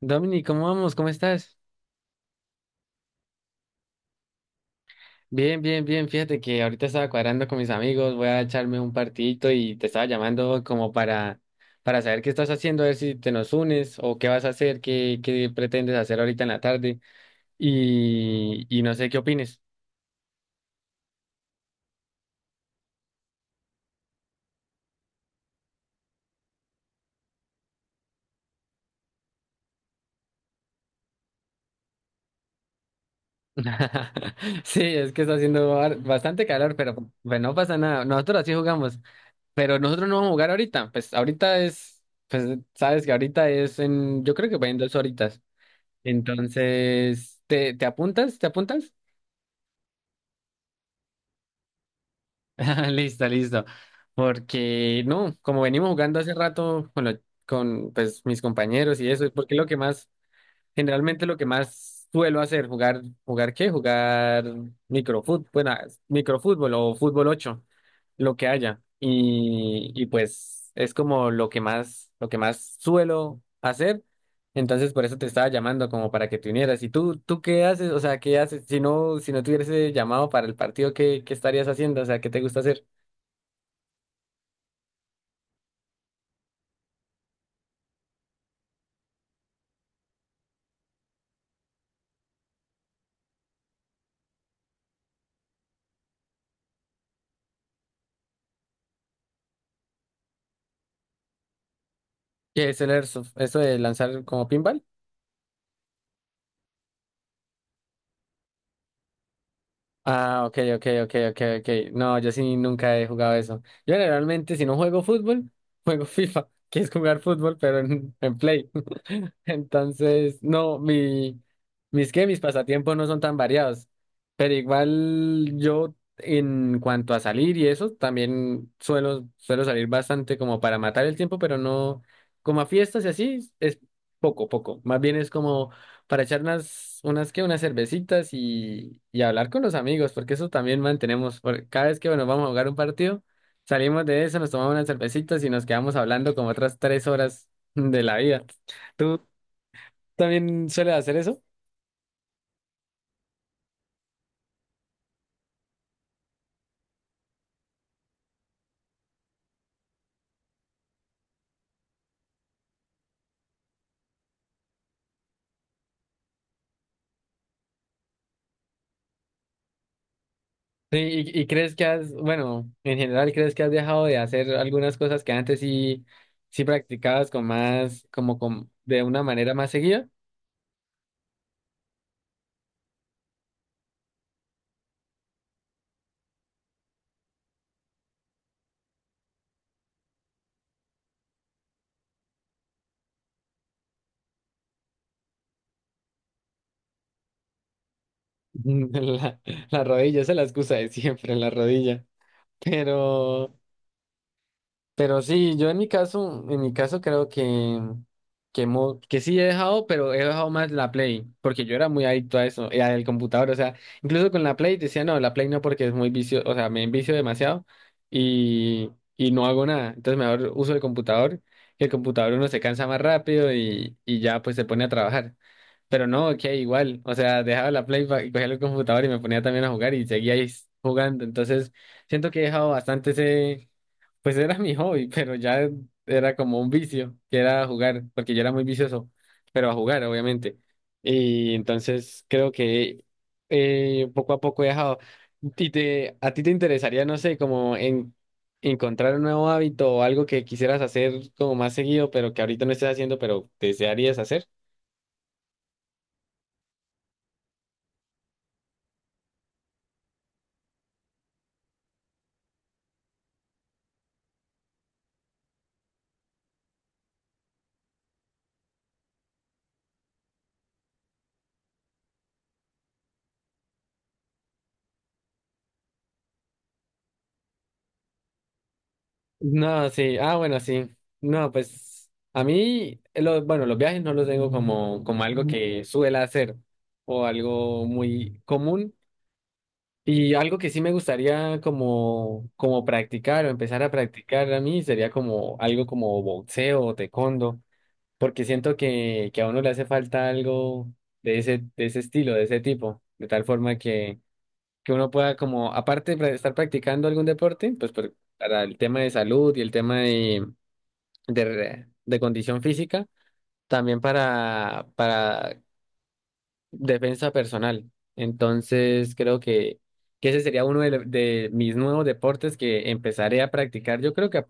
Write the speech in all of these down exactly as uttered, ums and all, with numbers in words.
Domini, ¿cómo vamos? ¿Cómo estás? Bien, bien, bien. Fíjate que ahorita estaba cuadrando con mis amigos, voy a echarme un partidito y te estaba llamando como para, para saber qué estás haciendo, a ver si te nos unes o qué vas a hacer, qué, qué pretendes hacer ahorita en la tarde y, y no sé qué opines. Sí, es que está haciendo bar- bastante calor, pero pues no pasa nada. Nosotros así jugamos, pero nosotros no vamos a jugar ahorita. Pues ahorita es, pues sabes que ahorita es en, yo creo que va en dos horitas. Entonces, ¿te, ¿te apuntas? ¿Te apuntas? Ah, listo, listo. Porque no, como venimos jugando hace rato con, lo- con pues, mis compañeros y eso, porque es lo que más. Generalmente lo que más suelo hacer, jugar, ¿jugar qué? Jugar microfútbol, bueno, microfútbol o fútbol ocho, lo que haya. Y, y pues es como lo que más, lo que más suelo hacer. Entonces por eso te estaba llamando como para que te unieras. ¿Y tú, tú qué haces? O sea, ¿qué haces? Si no, si no tuvieras ese llamado para el partido, ¿qué, ¿qué estarías haciendo? O sea, ¿qué te gusta hacer? ¿Qué es el airsoft? ¿Eso de lanzar como pinball? Ah, ok, ok, ok, ok, ok. No, yo sí nunca he jugado eso. Yo generalmente, si no juego fútbol, juego FIFA, que es jugar fútbol, pero en, en Play. Entonces, no, mi, mis que mis pasatiempos no son tan variados. Pero igual yo, en cuanto a salir y eso, también suelo, suelo salir bastante como para matar el tiempo, pero no, como a fiestas y así, es poco, poco. Más bien es como para echar unas, unas, ¿qué? Unas cervecitas y, y hablar con los amigos, porque eso también mantenemos. Por- cada vez que, bueno, vamos a jugar un partido, salimos de eso, nos tomamos unas cervecitas y nos quedamos hablando como otras tres horas de la vida. ¿Tú también sueles hacer eso? Sí, ¿y, y crees que has, bueno, en general, crees que has dejado de hacer algunas cosas que antes sí, sí practicabas con más, como con, de una manera más seguida? La, la rodilla, esa es la excusa de siempre, la rodilla. Pero... Pero sí, yo en mi caso, en mi caso creo que, que, mo- que sí he dejado, pero he dejado más la Play, porque yo era muy adicto a eso, y al computador, o sea, incluso con la Play decía, no, la Play no porque es muy vicio, o sea, me envicio demasiado y, y no hago nada, entonces mejor uso el computador, que el computador uno se cansa más rápido y, y ya pues se pone a trabajar. Pero no, que igual, o sea, dejaba la Play pa- y cogía el computador y me ponía también a jugar y seguía ahí jugando. Entonces, siento que he dejado bastante ese, pues era mi hobby, pero ya era como un vicio, que era jugar, porque yo era muy vicioso, pero a jugar, obviamente. Y entonces creo que eh, poco a poco he dejado. ¿Y te, a ti te interesaría, no sé, como en encontrar un nuevo hábito o algo que quisieras hacer como más seguido, pero que ahorita no estés haciendo, pero desearías hacer? No, sí. Ah, bueno, sí. No, pues a mí, eh, lo- bueno, los viajes no los tengo como, como algo que suela hacer o algo muy común. Y algo que sí me gustaría como, como practicar o empezar a practicar a mí sería como algo como boxeo o taekwondo, porque siento que, que a uno le hace falta algo de ese, de ese estilo, de ese tipo, de tal forma que, que uno pueda como, aparte de pra- estar practicando algún deporte, pues por- para el tema de salud y el tema de de, de condición física, también para, para defensa personal. Entonces, creo que, que ese sería uno de, lo- de mis nuevos deportes que empezaré a practicar. Yo creo que, a-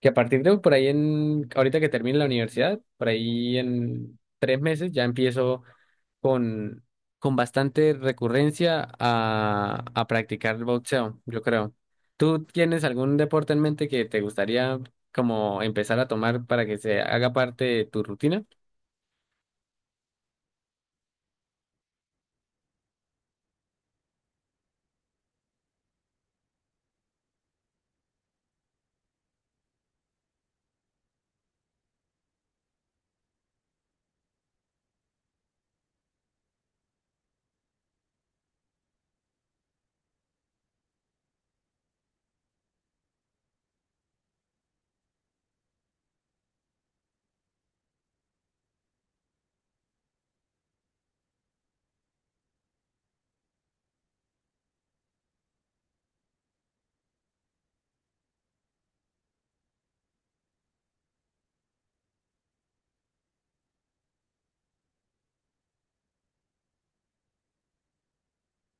que a partir de por ahí, en, ahorita que termine la universidad, por ahí en tres meses ya empiezo con, con bastante recurrencia a, a practicar boxeo, yo creo. ¿Tú tienes algún deporte en mente que te gustaría como empezar a tomar para que se haga parte de tu rutina?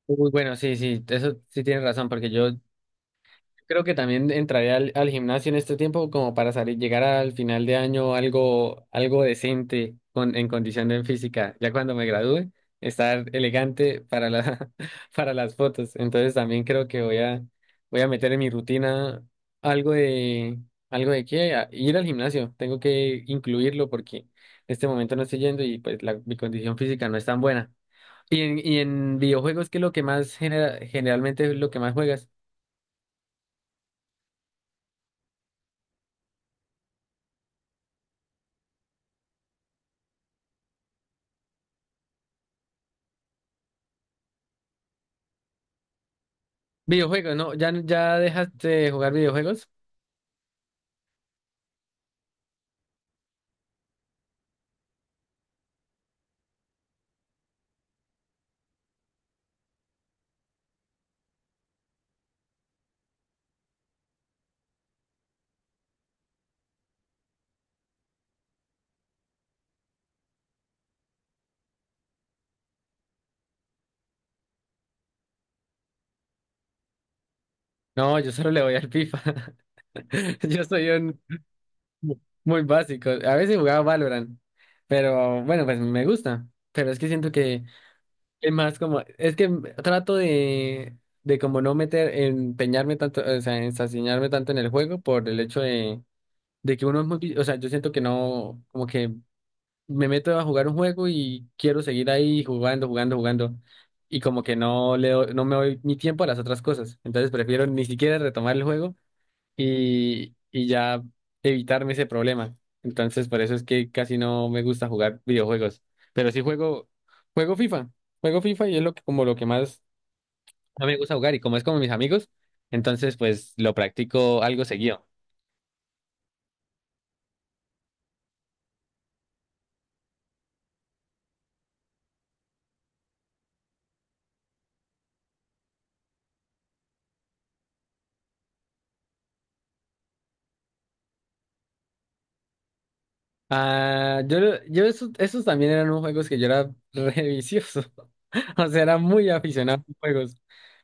Uy, bueno, sí, sí, eso sí tienes razón, porque yo creo que también entraré al, al gimnasio en este tiempo como para salir, llegar al final de año algo, algo decente con, en condición de física. Ya cuando me gradúe, estar elegante para la, para las fotos. Entonces también creo que voy a, voy a meter en mi rutina algo de, algo de qué, a- ir al gimnasio. Tengo que incluirlo porque en este momento no estoy yendo y pues la- mi condición física no es tan buena. Y en, y en videojuegos, ¿qué es lo que más genera, generalmente es lo que más juegas? Videojuegos, no, ya, ya dejaste de jugar videojuegos. No, yo solo le voy al FIFA. Yo soy un muy básico. A veces jugaba Valorant, pero bueno, pues me gusta. Pero es que siento que es más como, es que trato de, de como no meter, empeñarme tanto, o sea, ensañarme tanto en el juego por el hecho de, de que uno es muy, vi- o sea, yo siento que no, como que me meto a jugar un juego y quiero seguir ahí jugando, jugando, jugando. Y como que no le doy- no me doy mi tiempo a las otras cosas. Entonces prefiero ni siquiera retomar el juego y, y ya evitarme ese problema. Entonces por eso es que casi no me gusta jugar videojuegos. Pero sí juego, juego FIFA. Juego FIFA y es lo que, como lo que más no me gusta jugar. Y como es como mis amigos, entonces pues lo practico algo seguido. Ah, yo, yo esos, esos también eran unos juegos que yo era re vicioso. O sea, era muy aficionado a los juegos.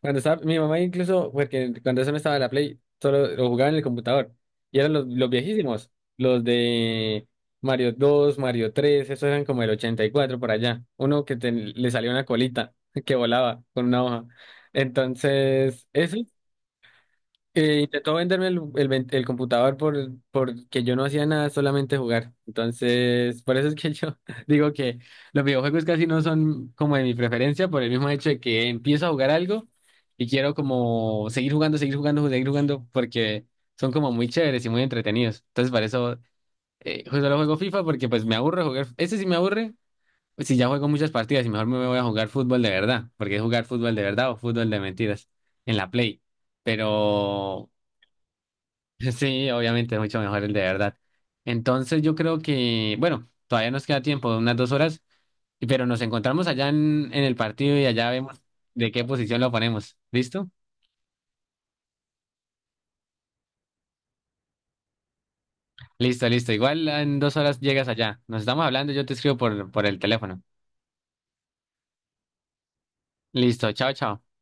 Cuando estaba, mi mamá incluso, porque cuando eso no estaba en la Play, solo lo jugaba en el computador. Y eran los, los viejísimos, los de Mario dos, Mario tres, esos eran como el ochenta y cuatro por allá. Uno que ten- le salió una colita que volaba con una hoja. Entonces, eso eh, intentó venderme el, el ven- el computador por, porque yo no hacía nada, solamente jugar. Entonces, por eso es que yo digo que los videojuegos casi no son como de mi preferencia, por el mismo hecho de que empiezo a jugar algo y quiero como seguir jugando, seguir jugando, seguir jugando, porque son como muy chéveres y muy entretenidos. Entonces, para eso eh, ju- solo juego FIFA porque pues me aburre jugar. Ese sí me aburre, pues, si ya juego muchas partidas y mejor me voy a jugar fútbol de verdad, porque es jugar fútbol de verdad o fútbol de mentiras en la Play. Pero sí, obviamente es mucho mejor el de verdad. Entonces yo creo que, bueno, todavía nos queda tiempo, unas dos horas, pero nos encontramos allá en, en el partido y allá vemos de qué posición lo ponemos. ¿Listo? Listo, listo. Igual en dos horas llegas allá. Nos estamos hablando, yo te escribo por, por el teléfono. Listo, chao, chao.